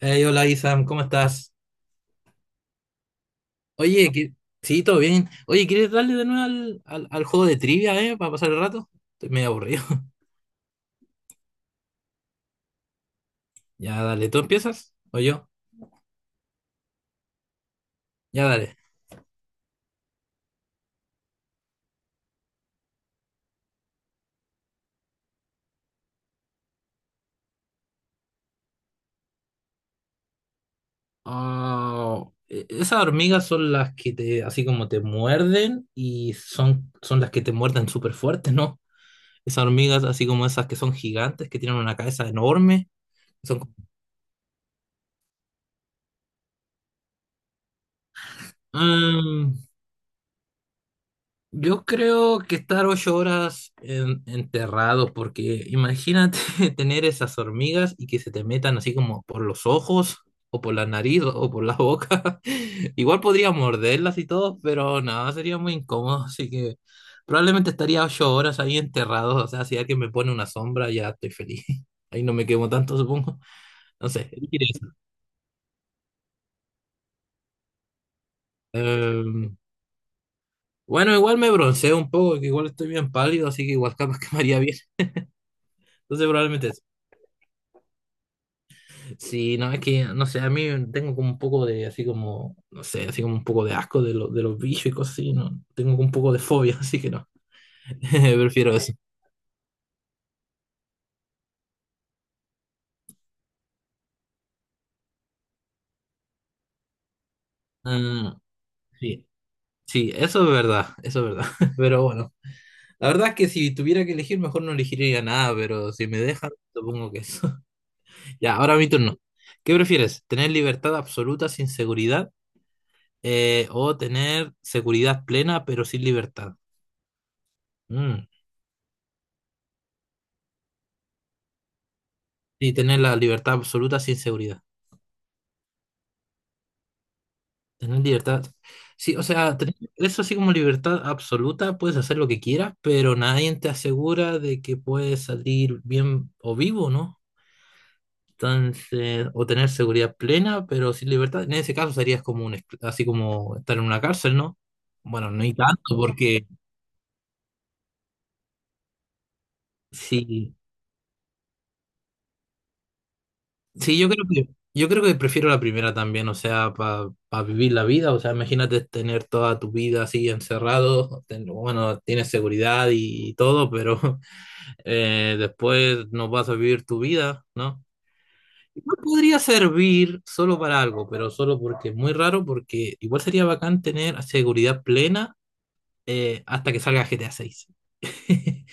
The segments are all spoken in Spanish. Hey, hola Isam, ¿cómo estás? Oye, sí, todo bien. Oye, ¿quieres darle de nuevo al juego de trivia, ¿eh? Para pasar el rato. Estoy medio aburrido. Ya, dale, ¿tú empiezas? ¿O yo? Ya, dale. Ah, esas hormigas son las que te, así como te muerden y son las que te muerden súper fuerte, ¿no? Esas hormigas, así como esas que son gigantes, que tienen una cabeza enorme. Son... como- ah, Yo creo que estar 8 horas enterrado, porque imagínate tener esas hormigas y que se te metan así como por los ojos, o por la nariz, o por la boca. Igual podría morderlas y todo, pero nada, sería muy incómodo. Así que probablemente estaría 8 horas ahí enterrado. O sea, si alguien me pone una sombra, ya estoy feliz. Ahí no me quemo tanto, supongo. No sé, elegiré eso. Em, bueno, igual me bronceo un poco, que igual estoy bien pálido, así que igual capaz que me haría bien. Entonces, probablemente. Sí, no, es que, no sé, a mí tengo como un poco de, así como, no sé, así como un poco de asco de, de los bichos y cosas así, ¿no? Tengo como un poco de fobia, así que no, prefiero eso. Ah, sí, sí, eso es verdad, pero bueno, la verdad es que si tuviera que elegir, mejor no elegiría nada, pero si me dejan, supongo que eso. Ya, ahora mi turno. ¿Qué prefieres? ¿Tener libertad absoluta sin seguridad, o tener seguridad plena pero sin libertad? Mm, Sí, tener la libertad absoluta sin seguridad. Tener libertad. Sí, o sea, tener eso así como libertad absoluta, puedes hacer lo que quieras, pero nadie te asegura de que puedes salir bien o vivo, ¿no? Entonces, o tener seguridad plena, pero sin libertad. En ese caso serías como así como estar en una cárcel, ¿no? Bueno, no hay tanto, porque sí, sí, yo creo que prefiero la primera también, o sea, para vivir la vida, o sea, imagínate tener toda tu vida así encerrado, bueno, tienes seguridad y todo, pero después no vas a vivir tu vida, ¿no? Igual podría servir solo para algo, pero solo porque es muy raro, porque igual sería bacán tener seguridad plena hasta que salga GTA 6.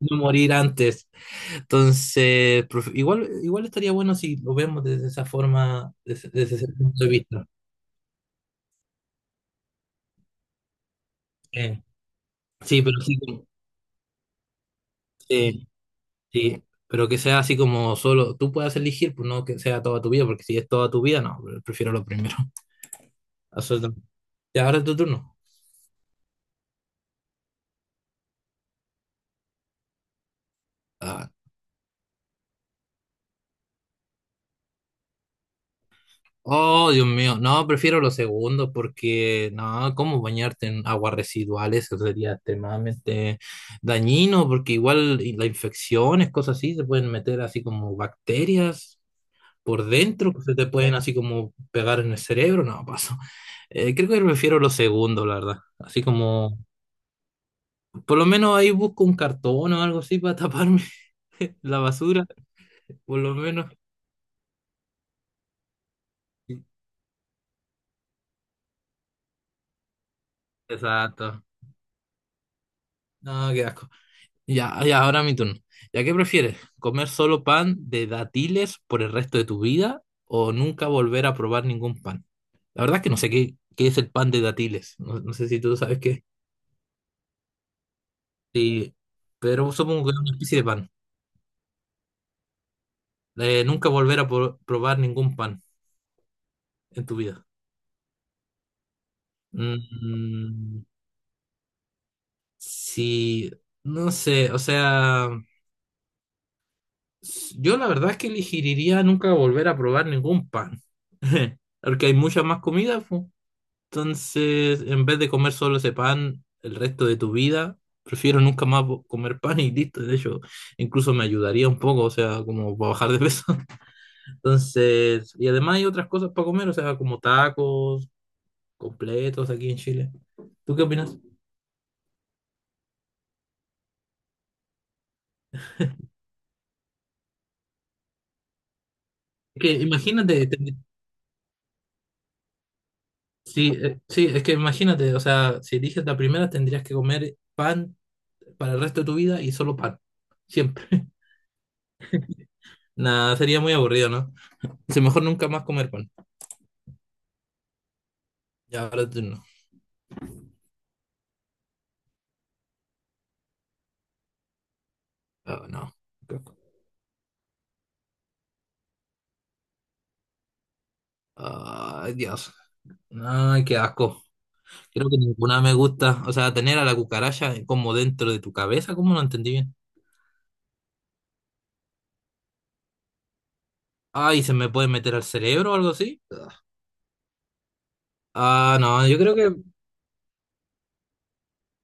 No morir antes. Entonces, igual estaría bueno si lo vemos desde esa forma, desde ese punto de vista. Eh, sí, pero sí, sí, sí, pero que sea así como solo tú puedas elegir, pues no que sea toda tu vida, porque si es toda tu vida, no, prefiero lo primero. Absolutamente. Y ahora es tu turno. Ah, Oh, Dios mío. No, prefiero los segundos porque, no, ¿cómo bañarte en aguas residuales? Eso sería extremadamente dañino porque igual y las infecciones, cosas así, se pueden meter así como bacterias por dentro, que se te pueden así como pegar en el cerebro. No, paso. Creo que prefiero los segundos, la verdad. Así como, por lo menos ahí busco un cartón o algo así para taparme la basura, por lo menos. Exacto. No, qué asco. Ya, ya, ahora mi turno. ¿Ya qué prefieres? ¿Comer solo pan de dátiles por el resto de tu vida o nunca volver a probar ningún pan? La verdad es que no sé qué es el pan de dátiles. No, no sé si tú sabes qué. Sí, pero supongo que es una especie de pan. Nunca volver a probar ningún pan en tu vida. Mm, sí, no sé, o sea, yo la verdad es que elegiría nunca volver a probar ningún pan. Porque hay mucha más comida. Entonces, en vez de comer solo ese pan el resto de tu vida, prefiero nunca más comer pan y listo. De hecho, incluso me ayudaría un poco, o sea, como para bajar de peso. Entonces, y además hay otras cosas para comer, o sea, como tacos, completos aquí en Chile. ¿Tú qué opinas? Es que imagínate, sí, sí, es que imagínate, o sea, si eliges la primera, tendrías que comer pan para el resto de tu vida y solo pan, siempre. Nada, sería muy aburrido, ¿no? Sí, mejor nunca más comer pan. Ya, ahora tú. Ah, no. Ay, Dios. Ay, qué asco. Creo que ninguna me gusta. O sea, tener a la cucaracha como dentro de tu cabeza, ¿cómo no entendí bien? Ay, ¿se me puede meter al cerebro o algo así? Ah, no, yo creo que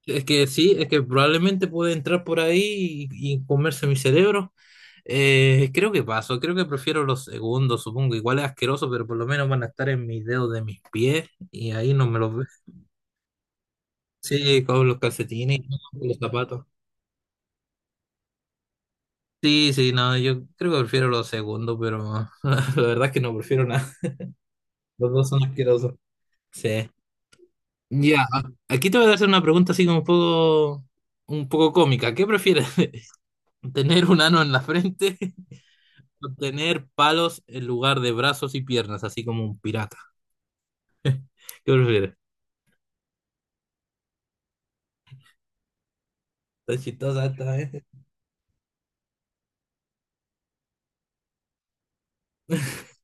es que sí, es que probablemente puede entrar por ahí y comerse mi cerebro. Creo que paso, creo que prefiero los segundos, supongo. Igual es asqueroso, pero por lo menos van a estar en mis dedos de mis pies y ahí no me los ve. Sí, con los calcetines y con los zapatos. Sí, sí, no, yo creo que prefiero lo segundo, pero la verdad es que no prefiero nada. Los dos son asquerosos. Sí. Ya, aquí te voy a hacer una pregunta así como un poco cómica. ¿Qué prefieres? ¿Tener un ano en la frente o tener palos en lugar de brazos y piernas, así como un pirata? ¿Qué prefieres? Está chistosa esta, ¿eh?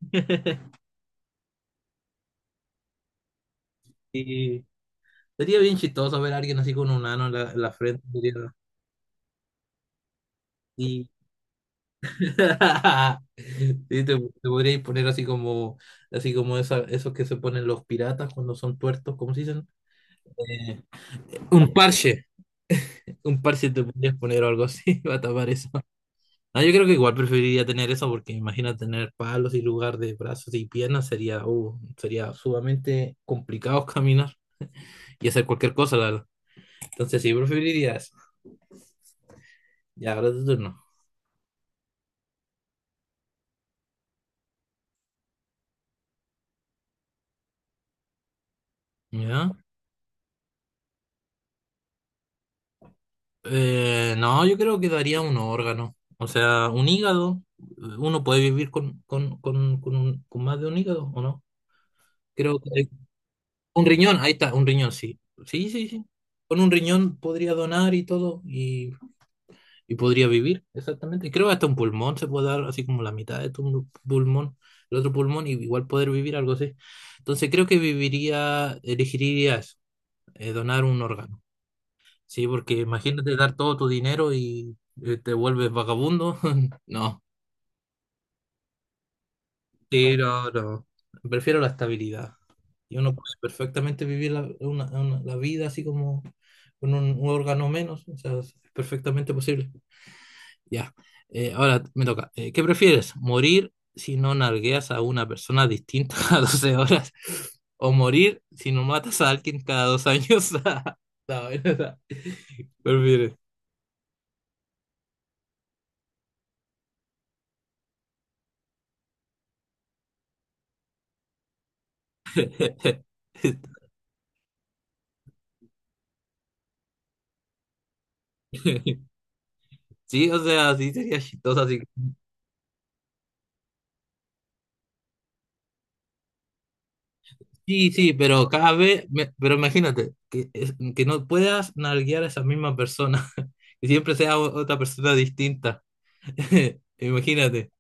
Y sería bien chistoso ver a alguien así con un ano en la frente. Sería, sí. Sí, te podríais poner así como esos que se ponen los piratas cuando son tuertos, ¿cómo se dicen? Eh, un parche, un parche te podrías poner o algo así para tapar eso. No, yo creo que igual preferiría tener eso porque imagina tener palos y lugar de brazos y piernas sería, sería sumamente complicado caminar y hacer cualquier cosa, la verdad. Entonces sí, preferiría eso. Ya, ahora es tu turno. ¿Ya? No, yo creo que daría un órgano, o sea, un hígado. Uno puede vivir con más de un hígado, ¿o no? Creo que un riñón, ahí está, un riñón, sí. Sí, sí, sí. Con un riñón podría donar y todo, y podría vivir, exactamente. Y creo que hasta un pulmón se puede dar, así como la mitad de tu pulmón, el otro pulmón, y igual poder vivir algo así. Entonces creo que viviría, elegiría eso, donar un órgano. Sí, porque imagínate dar todo tu dinero y te vuelves vagabundo. No, sí, no, no. Prefiero la estabilidad. Y uno puede perfectamente vivir la vida así como con un órgano menos. O sea, es perfectamente posible. Ya. Ahora me toca. ¿Qué prefieres? ¿Morir si no nargueas a una persona distinta a 12 horas? ¿O morir si no matas a alguien cada 2 años? No, ¿verdad? Prefieres. Sí, o sea, sí sería chistoso así. Sí, sí, pero cada vez, pero imagínate, que, que no puedas nalguear a esa misma persona, que siempre sea otra persona distinta. Imagínate,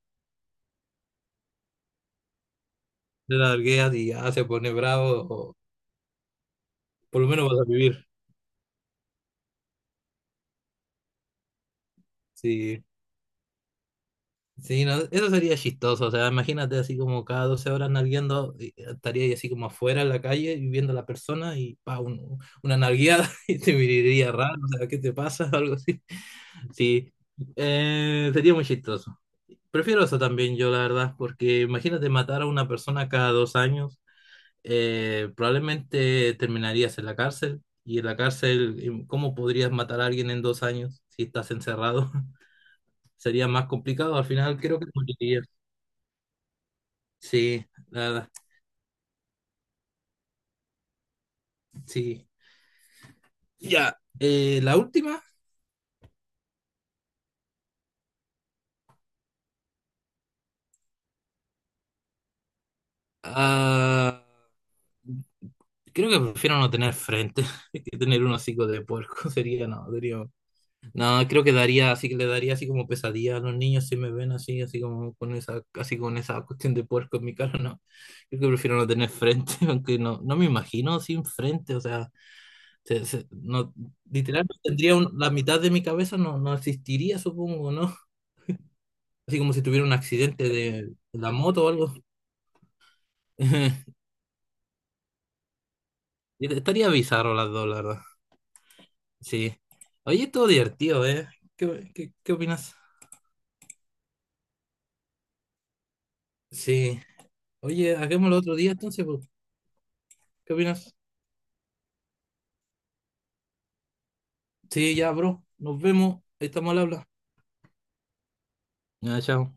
te nalgueas y ya se pone bravo, o por lo menos vas a vivir. Sí, sí, no, eso sería chistoso, o sea, imagínate así como cada 12 horas nalgueando, y estaría ahí así como afuera en la calle y viendo a la persona y pa, una nalgueada y te miraría raro, o sea, ¿qué te pasa? Algo así. Sí, sería muy chistoso. Prefiero eso también yo, la verdad, porque imagínate matar a una persona cada 2 años, probablemente terminarías en la cárcel y en la cárcel, ¿cómo podrías matar a alguien en 2 años si estás encerrado? Sería más complicado, al final creo que morirías. Sí, la verdad, sí. Ya, la última, ah, creo que prefiero no tener frente que tener un hocico de puerco. Sería, no, sería. No, creo que daría, así que le daría así como pesadilla a los niños si me ven así, así como con esa, así con esa cuestión de puerco en mi cara, no. Creo que prefiero no tener frente, aunque no, no me imagino sin frente, o sea, no, literal no tendría la mitad de mi cabeza no, no existiría, supongo, ¿no? Así como si tuviera un accidente de, la moto o algo. Estaría bizarro las dos, la verdad. Sí. Oye, todo divertido, ¿eh? ¿Qué opinas? Sí. Oye, hagámoslo otro día entonces, pues. ¿Qué opinas? Sí, ya, bro. Nos vemos. Ahí estamos al habla. Ya, chao.